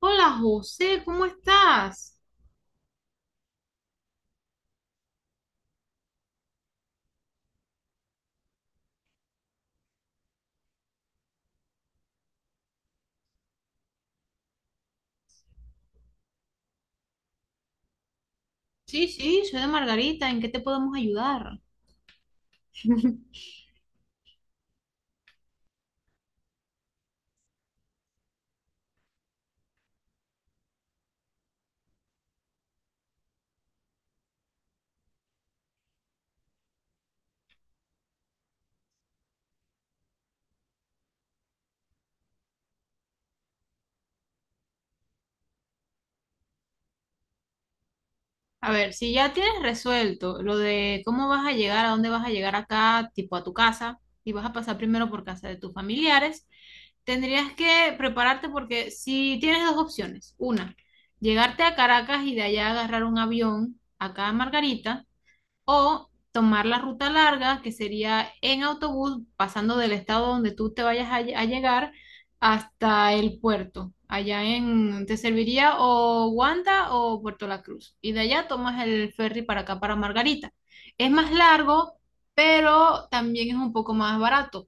Hola José, ¿cómo estás? Sí, sí, soy de Margarita, ¿en qué te podemos ayudar? A ver, si ya tienes resuelto lo de cómo vas a llegar, a dónde vas a llegar acá, tipo a tu casa, y vas a pasar primero por casa de tus familiares, tendrías que prepararte porque si tienes dos opciones, una, llegarte a Caracas y de allá agarrar un avión acá a Margarita, o tomar la ruta larga, que sería en autobús, pasando del estado donde tú te vayas a llegar hasta el puerto. Allá te serviría o Wanda o Puerto La Cruz. Y de allá tomas el ferry para acá, para Margarita. Es más largo, pero también es un poco más barato.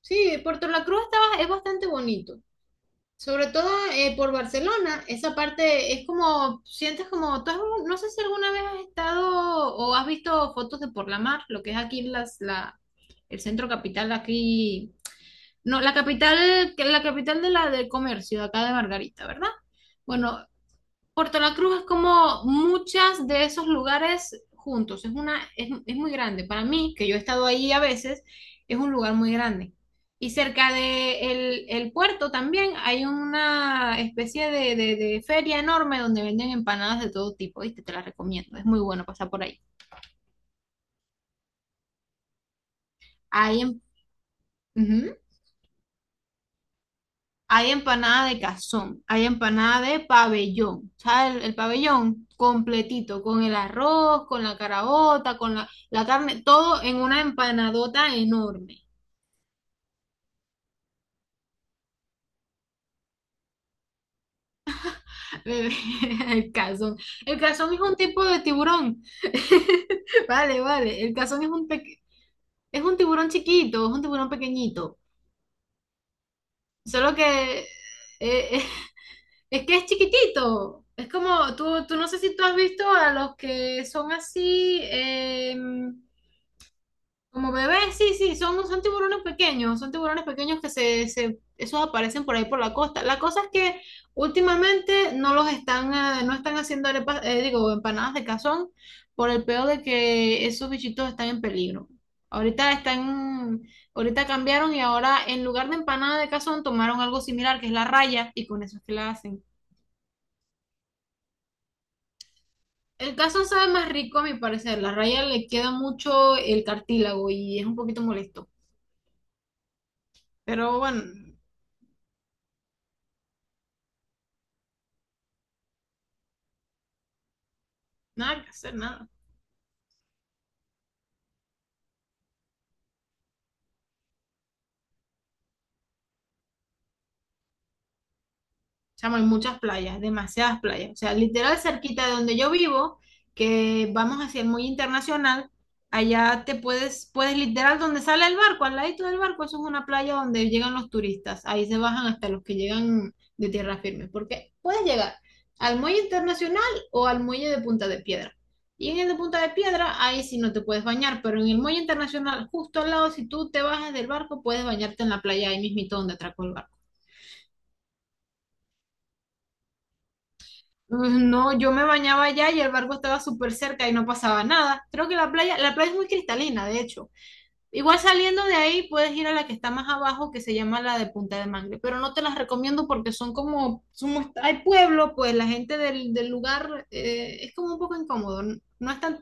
Sí, Puerto La Cruz es bastante bonito. Sobre todo por Barcelona, esa parte es como, sientes como, no sé si alguna vez has estado o has visto fotos de por la mar, lo que es aquí el centro capital, aquí, no, la capital, que la capital de la del comercio, de acá de Margarita, ¿verdad? Bueno, Puerto La Cruz es como muchas de esos lugares juntos. Es muy grande. Para mí, que yo he estado ahí a veces, es un lugar muy grande. Y cerca de el puerto también hay una especie de feria enorme donde venden empanadas de todo tipo. ¿Viste? Te las recomiendo. Es muy bueno pasar por ahí. Ahí en- Ujú. Hay empanada de cazón, hay empanada de pabellón, ¿sabes? El pabellón completito, con el arroz, con la caraota, con la carne, todo en una empanadota enorme. El cazón. El cazón es un tipo de tiburón. Vale, vale. El cazón es es un tiburón chiquito, es un tiburón pequeñito. Solo que eh, es que es chiquitito. Es como, tú no sé si tú has visto a los que son así, em, como bebés, sí, sí, son, son tiburones pequeños que esos aparecen por ahí por la costa. La cosa es que últimamente no los están, no están haciendo arepas, digo, empanadas de cazón por el peor de que esos bichitos están en peligro. Ahorita están, ahorita cambiaron y ahora en lugar de empanada de cazón tomaron algo similar que es la raya y con eso es que la hacen. El cazón sabe más rico a mi parecer, la raya le queda mucho el cartílago y es un poquito molesto. Pero bueno. Nada que hacer, nada. Chamo, hay muchas playas, demasiadas playas. O sea, literal cerquita de donde yo vivo, que vamos hacia el muy internacional, allá puedes literal donde sale el barco, al ladito del barco, eso es una playa donde llegan los turistas. Ahí se bajan hasta los que llegan de tierra firme, porque puedes llegar al muelle internacional o al muelle de Punta de Piedra. Y en el de Punta de Piedra, ahí sí no te puedes bañar, pero en el muelle internacional, justo al lado, si tú te bajas del barco, puedes bañarte en la playa ahí mismito donde atracó el barco. Mm, no, yo me bañaba allá y el barco estaba súper cerca y no pasaba nada. Creo que la playa es muy cristalina, de hecho. Igual saliendo de ahí puedes ir a la que está más abajo, que se llama la de Punta de Mangle, pero no te las recomiendo porque son como, somos, hay pueblo, pues la gente del lugar es como un poco incómodo. No, no es están.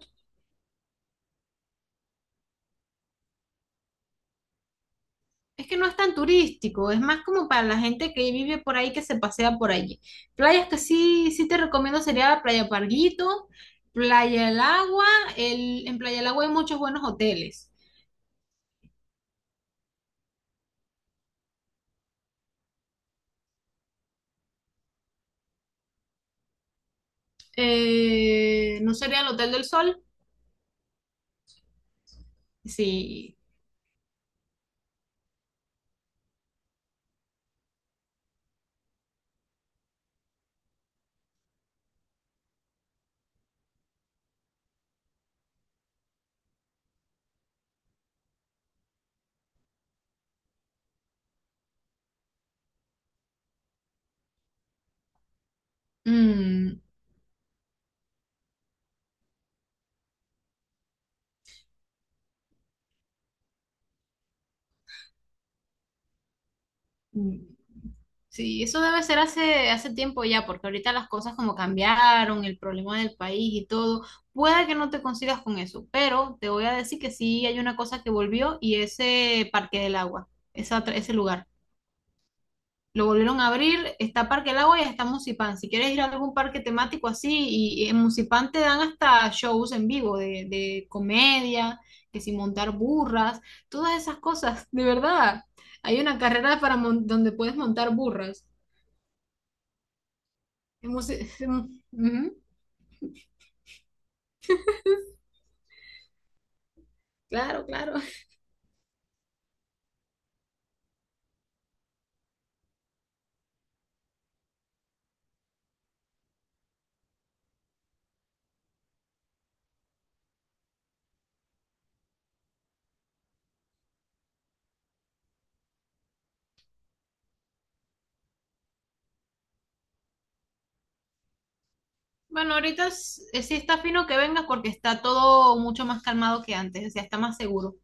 Es que no es tan turístico, es más como para la gente que vive por ahí, que se pasea por allí. Playas que sí, sí te recomiendo sería Playa Parguito, Playa El Agua. En Playa El Agua hay muchos buenos hoteles. ¿No sería el Hotel del Sol? Sí. Mm, sí, eso debe ser hace tiempo ya, porque ahorita las cosas como cambiaron, el problema del país y todo, puede que no te consigas con eso, pero te voy a decir que sí hay una cosa que volvió y ese Parque del Agua, ese lugar. Lo volvieron a abrir, está Parque del Agua y está Musipán. Si quieres ir a algún parque temático así, y en Musipán te dan hasta shows en vivo de comedia, que si montar burras, todas esas cosas, de verdad. Hay una carrera para donde puedes montar burras. Hemos- Ujú. Claro, claro. Bueno, ahorita sí está fino que vengas porque está todo mucho más calmado que antes, o sea, está más seguro.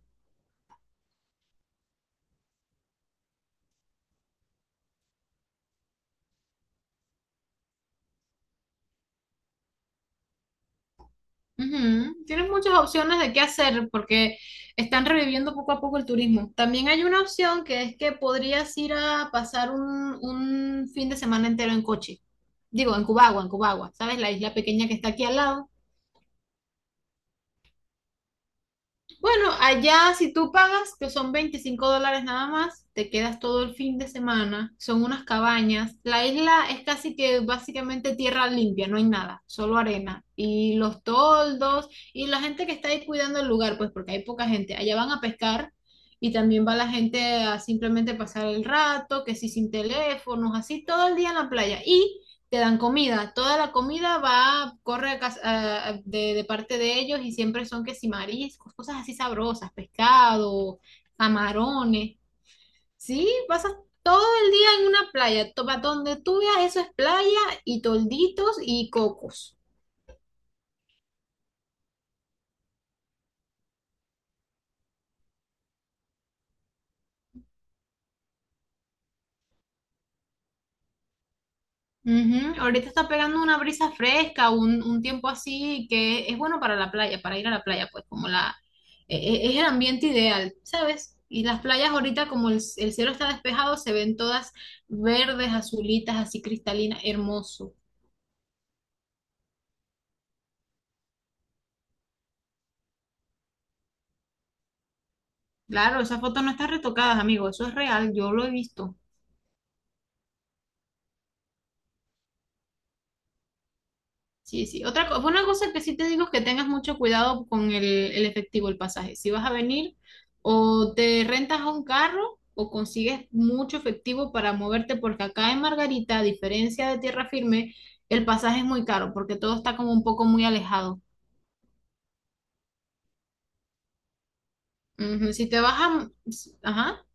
Ujú. Tienes muchas opciones de qué hacer porque están reviviendo poco a poco el turismo. También hay una opción que es que podrías ir a pasar un fin de semana entero en coche. Digo, en Cubagua, ¿sabes? La isla pequeña que está aquí al lado. Bueno, allá si tú pagas, que son $25 nada más, te quedas todo el fin de semana, son unas cabañas. La isla es casi que básicamente tierra limpia, no hay nada, solo arena. Y los toldos y la gente que está ahí cuidando el lugar, pues porque hay poca gente. Allá van a pescar y también va la gente a simplemente pasar el rato, que sí sin teléfonos, así todo el día en la playa. Y te dan comida. Toda la comida va, corre a cas- a- de parte de ellos y siempre son que si mariscos, cosas así sabrosas, pescado, camarones. Sí, pasas todo el día en una playa. Pa' donde tú veas, eso es playa y tolditos y cocos. Ujú, ahorita está pegando una brisa fresca, un tiempo así que es bueno para la playa, para ir a la playa, pues como es el ambiente ideal, ¿sabes? Y las playas ahorita como el cielo está despejado, se ven todas verdes, azulitas, así cristalinas, hermoso. Claro, esas fotos no están retocadas, amigo, eso es real, yo lo he visto. Sí, sí. Una cosa que sí te digo es que tengas mucho cuidado con el efectivo, el pasaje. Si vas a venir, o te rentas a un carro o consigues mucho efectivo para moverte, porque acá en Margarita, a diferencia de Tierra Firme, el pasaje es muy caro, porque todo está como un poco muy alejado. Ujú. Si te vas a. Ajá.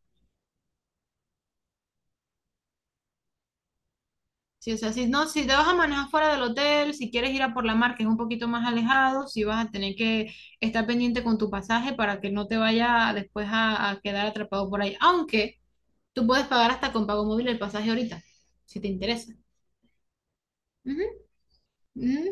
Sí, o sea, si no, si te vas a manejar fuera del hotel, si quieres ir a por la mar, que es un poquito más alejado, si vas a tener que estar pendiente con tu pasaje para que no te vaya después a quedar atrapado por ahí. Aunque tú puedes pagar hasta con pago móvil el pasaje ahorita, si te interesa. Ujú, ujú.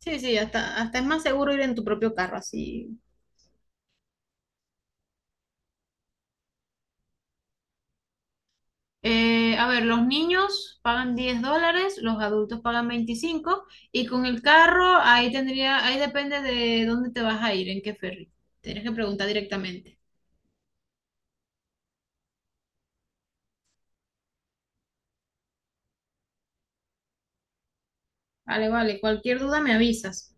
Sí, sí, hasta es más seguro ir en tu propio carro, así. A ver, los niños pagan $10, los adultos pagan 25, y con el carro ahí tendría, ahí depende de dónde te vas a ir, en qué ferry. Tienes que preguntar directamente. Vale, vale, cualquier duda me avisas.